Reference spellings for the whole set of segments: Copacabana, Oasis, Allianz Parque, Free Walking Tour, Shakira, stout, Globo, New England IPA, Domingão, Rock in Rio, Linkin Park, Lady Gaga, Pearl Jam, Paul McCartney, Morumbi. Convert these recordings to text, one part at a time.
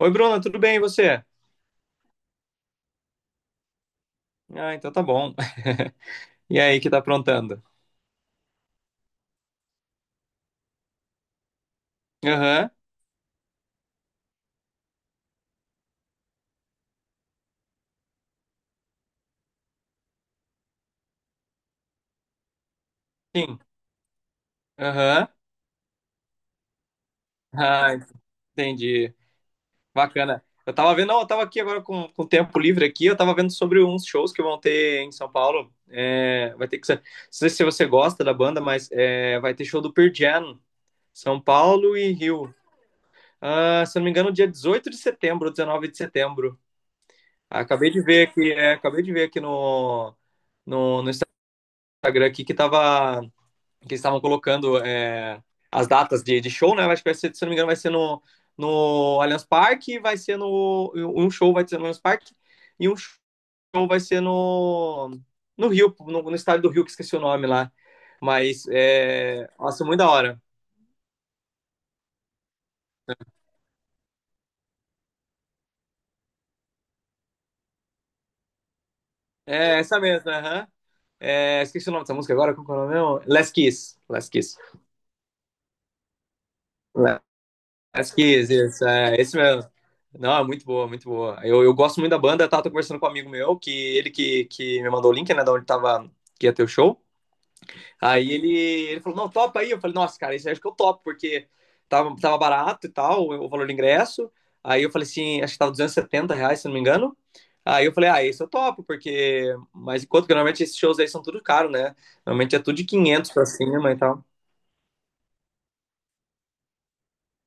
Oi, Bruna, tudo bem e você? Ah, então tá bom. E aí, que tá aprontando? Aham, sim. Aham. Ah, entendi. Bacana. Eu tava vendo, não, eu tava aqui agora com tempo livre aqui, eu tava vendo sobre uns shows que vão ter em São Paulo. É, vai ter que ser, não sei se você gosta da banda, mas vai ter show do Pearl Jam, São Paulo e Rio. Ah, se eu não me engano, dia 18 de setembro, ou 19 de setembro. Ah, acabei de ver aqui, acabei de ver aqui no, no Instagram aqui que tava. Que eles estavam colocando as datas de show, né? Acho que vai ser, se não me engano, vai ser no, Allianz Parque, vai ser no. Um show vai ser no Allianz Parque e um show vai ser no, no, Rio, no estádio do Rio, que esqueci o nome lá. Mas é. Nossa, muito da hora. É essa mesmo, aham. É, esqueci o nome dessa música agora, qual que é o nome mesmo? Last Kiss. Last Kiss. As Kiss, isso, é, esse mesmo. Não, é muito boa, muito boa. Eu gosto muito da banda, tá? Tô conversando com um amigo meu, que ele que me mandou o link, né, da onde tava, que ia ter o show. Aí ele falou, não, topa aí. Eu falei, nossa, cara, isso aí acho que eu topo, porque tava barato e tal, o valor do ingresso. Aí eu falei assim, acho que tava R$ 270, se não me engano. Aí eu falei, ah, esse eu topo, porque. Mas enquanto que normalmente esses shows aí são tudo caro, né? Normalmente é tudo de 500 pra cima e tal.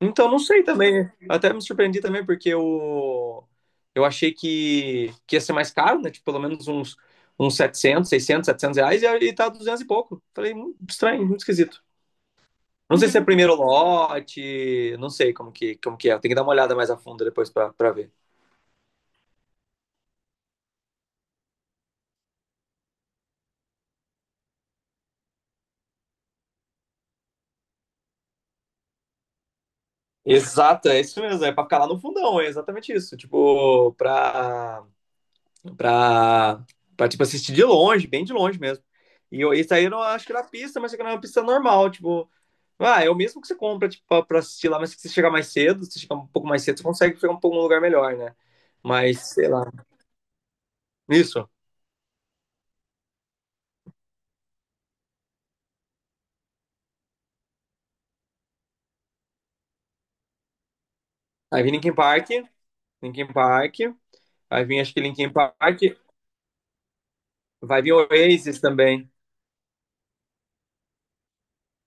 Então, não sei também. Até me surpreendi também, porque eu achei que ia ser mais caro, né? Tipo, pelo menos uns 700 600 700 reais, e tá 200 e pouco. Falei, muito estranho, muito esquisito. Não sei se é primeiro lote, não sei como que é. Tem que dar uma olhada mais a fundo depois pra ver. Exato, é isso mesmo. É pra ficar lá no fundão, é exatamente isso. Tipo, pra, pra tipo, assistir de longe, bem de longe mesmo. Isso aí eu não acho que era pista, mas isso aqui era uma pista normal, tipo. Ah, é o mesmo que você compra, tipo, pra assistir lá, mas se você chegar mais cedo, se você chegar um pouco mais cedo, você consegue chegar um pouco um lugar melhor, né? Mas, sei lá. Isso. Aí vem Linkin Park, Linkin Park. Aí vem, acho que Linkin Park. Vai vir Oasis também.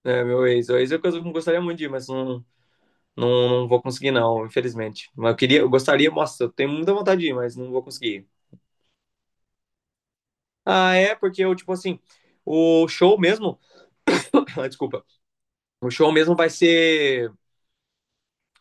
É, meu Oasis. Oasis é uma coisa que eu gostaria muito de ir, mas não, não, não vou conseguir, não, infelizmente. Mas eu queria, eu gostaria, nossa, eu tenho muita vontade de ir, mas não vou conseguir. Ah, é, porque eu, tipo assim, o show mesmo. Desculpa. O show mesmo vai ser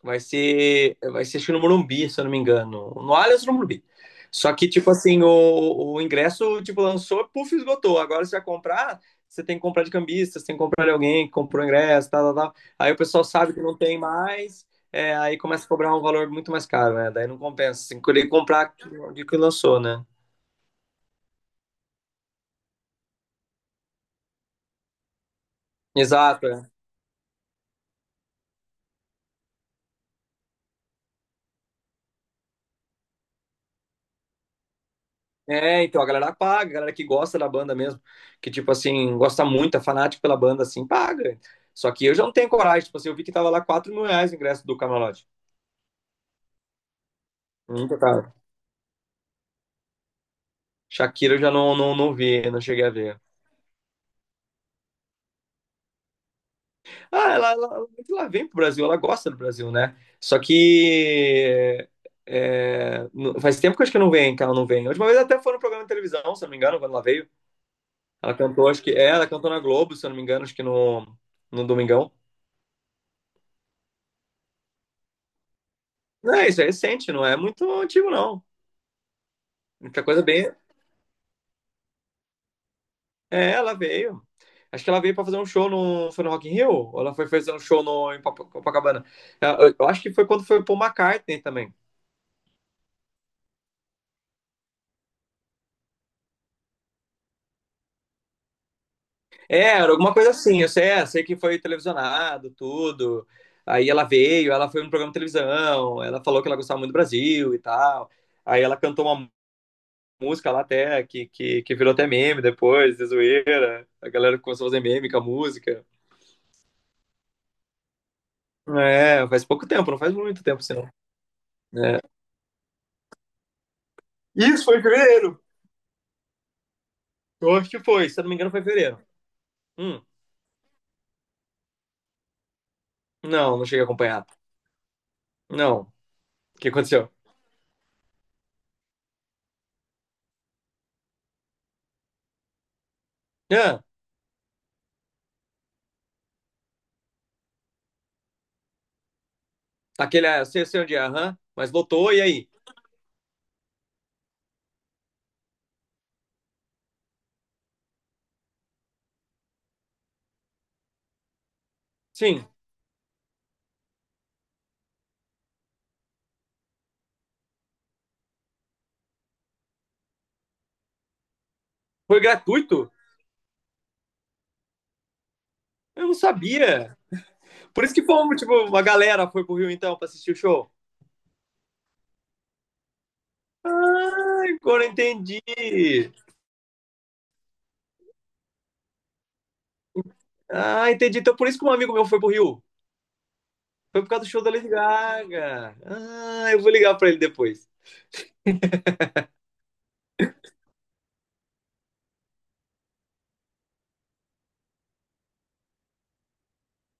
Vai ser, vai ser acho que no Morumbi, se eu não me engano. No Allianz ou no Morumbi. Só que, tipo assim, o ingresso, tipo, lançou, puf, esgotou. Agora você vai comprar, você tem que comprar de cambista, você tem que comprar de alguém que comprou o ingresso, tal, tal, tal. Aí o pessoal sabe que não tem mais, aí começa a cobrar um valor muito mais caro, né? Daí não compensa. Você tem que comprar de que lançou, né? Exato, é. É, então a galera paga, a galera que gosta da banda mesmo, que tipo assim, gosta muito, é fanático pela banda, assim, paga. Só que eu já não tenho coragem, tipo assim, eu vi que tava lá R$ 4.000 o ingresso do camarote. Muito caro. Shakira eu já não vi, não cheguei a ver. Ah, ela vem pro Brasil, ela gosta do Brasil, né? Só que faz tempo que eu acho que não vem, que ela não vem. A última vez até foi no programa de televisão, se eu não me engano, quando ela veio. Ela cantou, acho que ela cantou na Globo, se eu não me engano, acho que no Domingão. Não, isso é recente, não é muito antigo, não. Muita coisa bem. É, ela veio. Acho que ela veio pra fazer um show no. Foi no Rock in Rio? Ou ela foi fazer um show no, em Copacabana? É, eu acho que foi quando foi o Paul McCartney também. É, era alguma coisa assim. Eu sei, sei que foi televisionado, tudo. Aí ela veio, ela foi no programa de televisão, ela falou que ela gostava muito do Brasil e tal. Aí ela cantou uma música lá até, que virou até meme depois, de zoeira. A galera começou a fazer meme com a música. É, faz pouco tempo, não faz muito tempo, assim, é. Isso foi em fevereiro. Eu acho que foi, se eu não me engano, foi em fevereiro. Hum. Não, não cheguei a acompanhar. Não. O que aconteceu? Ah, aquele, sei onde é, aham, mas voltou, e aí? Sim. Foi gratuito? Eu não sabia. Por isso que fomos, tipo, uma galera foi pro Rio então pra assistir o show. Ah, agora eu entendi. Ah, entendi. Então por isso que um amigo meu foi pro Rio. Foi por causa do show da Lady Gaga. Ah, eu vou ligar pra ele depois.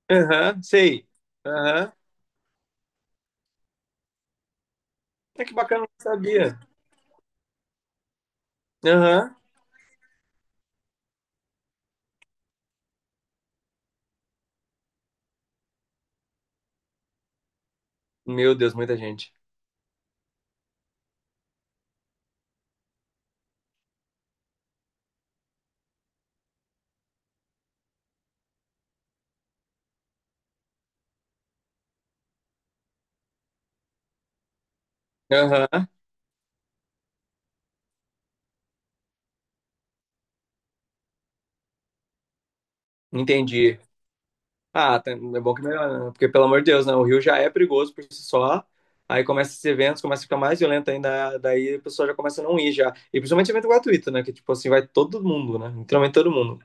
Aham, sei. Aham. É que bacana, eu não sabia. Aham. Meu Deus, muita gente. Aham, entendi. Ah, é bom que melhora, né? Porque, pelo amor de Deus, né? O Rio já é perigoso por si só. Aí começa esses eventos, começa a ficar mais violento ainda. Daí a pessoa já começa a não ir já. E principalmente evento gratuito, né? Que, tipo assim, vai todo mundo, né? Literalmente todo mundo.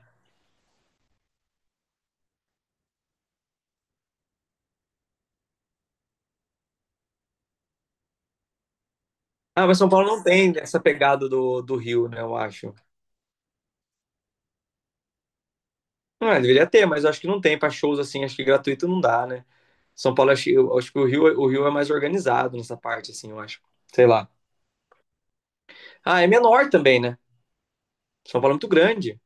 Ah, mas São Paulo não tem essa pegada do Rio, né? Eu acho. Ah, deveria ter, mas eu acho que não tem. Pra shows, assim, acho que gratuito não dá, né? São Paulo, acho, eu acho que o Rio é mais organizado nessa parte, assim, eu acho. Sei lá. Ah, é menor também, né? São Paulo é muito grande.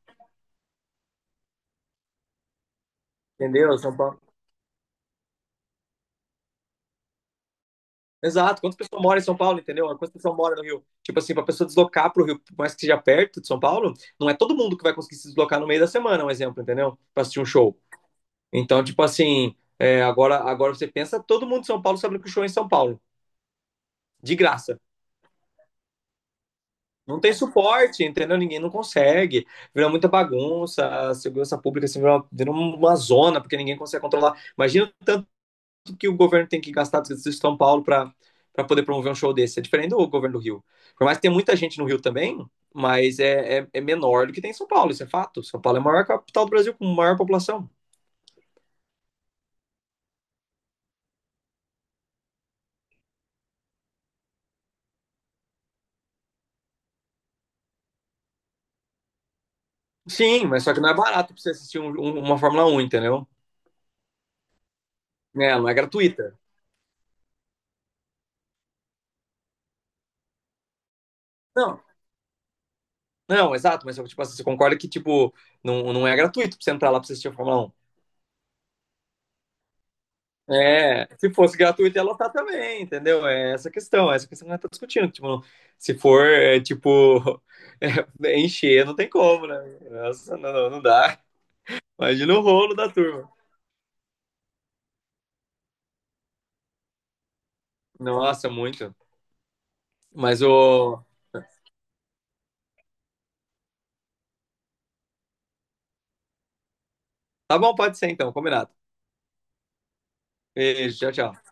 Entendeu? São Paulo. Exato. Quantas pessoas moram em São Paulo, entendeu? Quantas pessoas moram no Rio? Tipo assim, pra pessoa deslocar pro Rio, por mais que seja perto de São Paulo, não é todo mundo que vai conseguir se deslocar no meio da semana, um exemplo, entendeu? Pra assistir um show. Então, tipo assim, agora você pensa, todo mundo de São Paulo sabe que o show é em São Paulo. De graça. Não tem suporte, entendeu? Ninguém não consegue. Virou muita bagunça, a segurança pública assim, virou uma zona, porque ninguém consegue controlar. Imagina o tanto que o governo tem que gastar do Distrito de São Paulo para poder promover um show desse. É diferente do governo do Rio. Por mais que tenha muita gente no Rio também, mas é menor do que tem em São Paulo, isso é fato. São Paulo é a maior capital do Brasil com maior população. Sim, mas só que não é barato pra você assistir uma Fórmula 1, entendeu? É, não é gratuita. Não, não, exato, mas tipo, assim, você concorda que tipo, não, não é gratuito pra você entrar lá pra você assistir a Fórmula 1? É, se fosse gratuito, ia lotar também, entendeu? É essa questão que nós estamos discutindo. Tipo, se for, tipo, encher, não tem como, né? Nossa, não, não, não dá. Imagina o rolo da turma. Nossa, muito. Mas o. Tá bom, pode ser então, combinado. Beijo, tchau, tchau.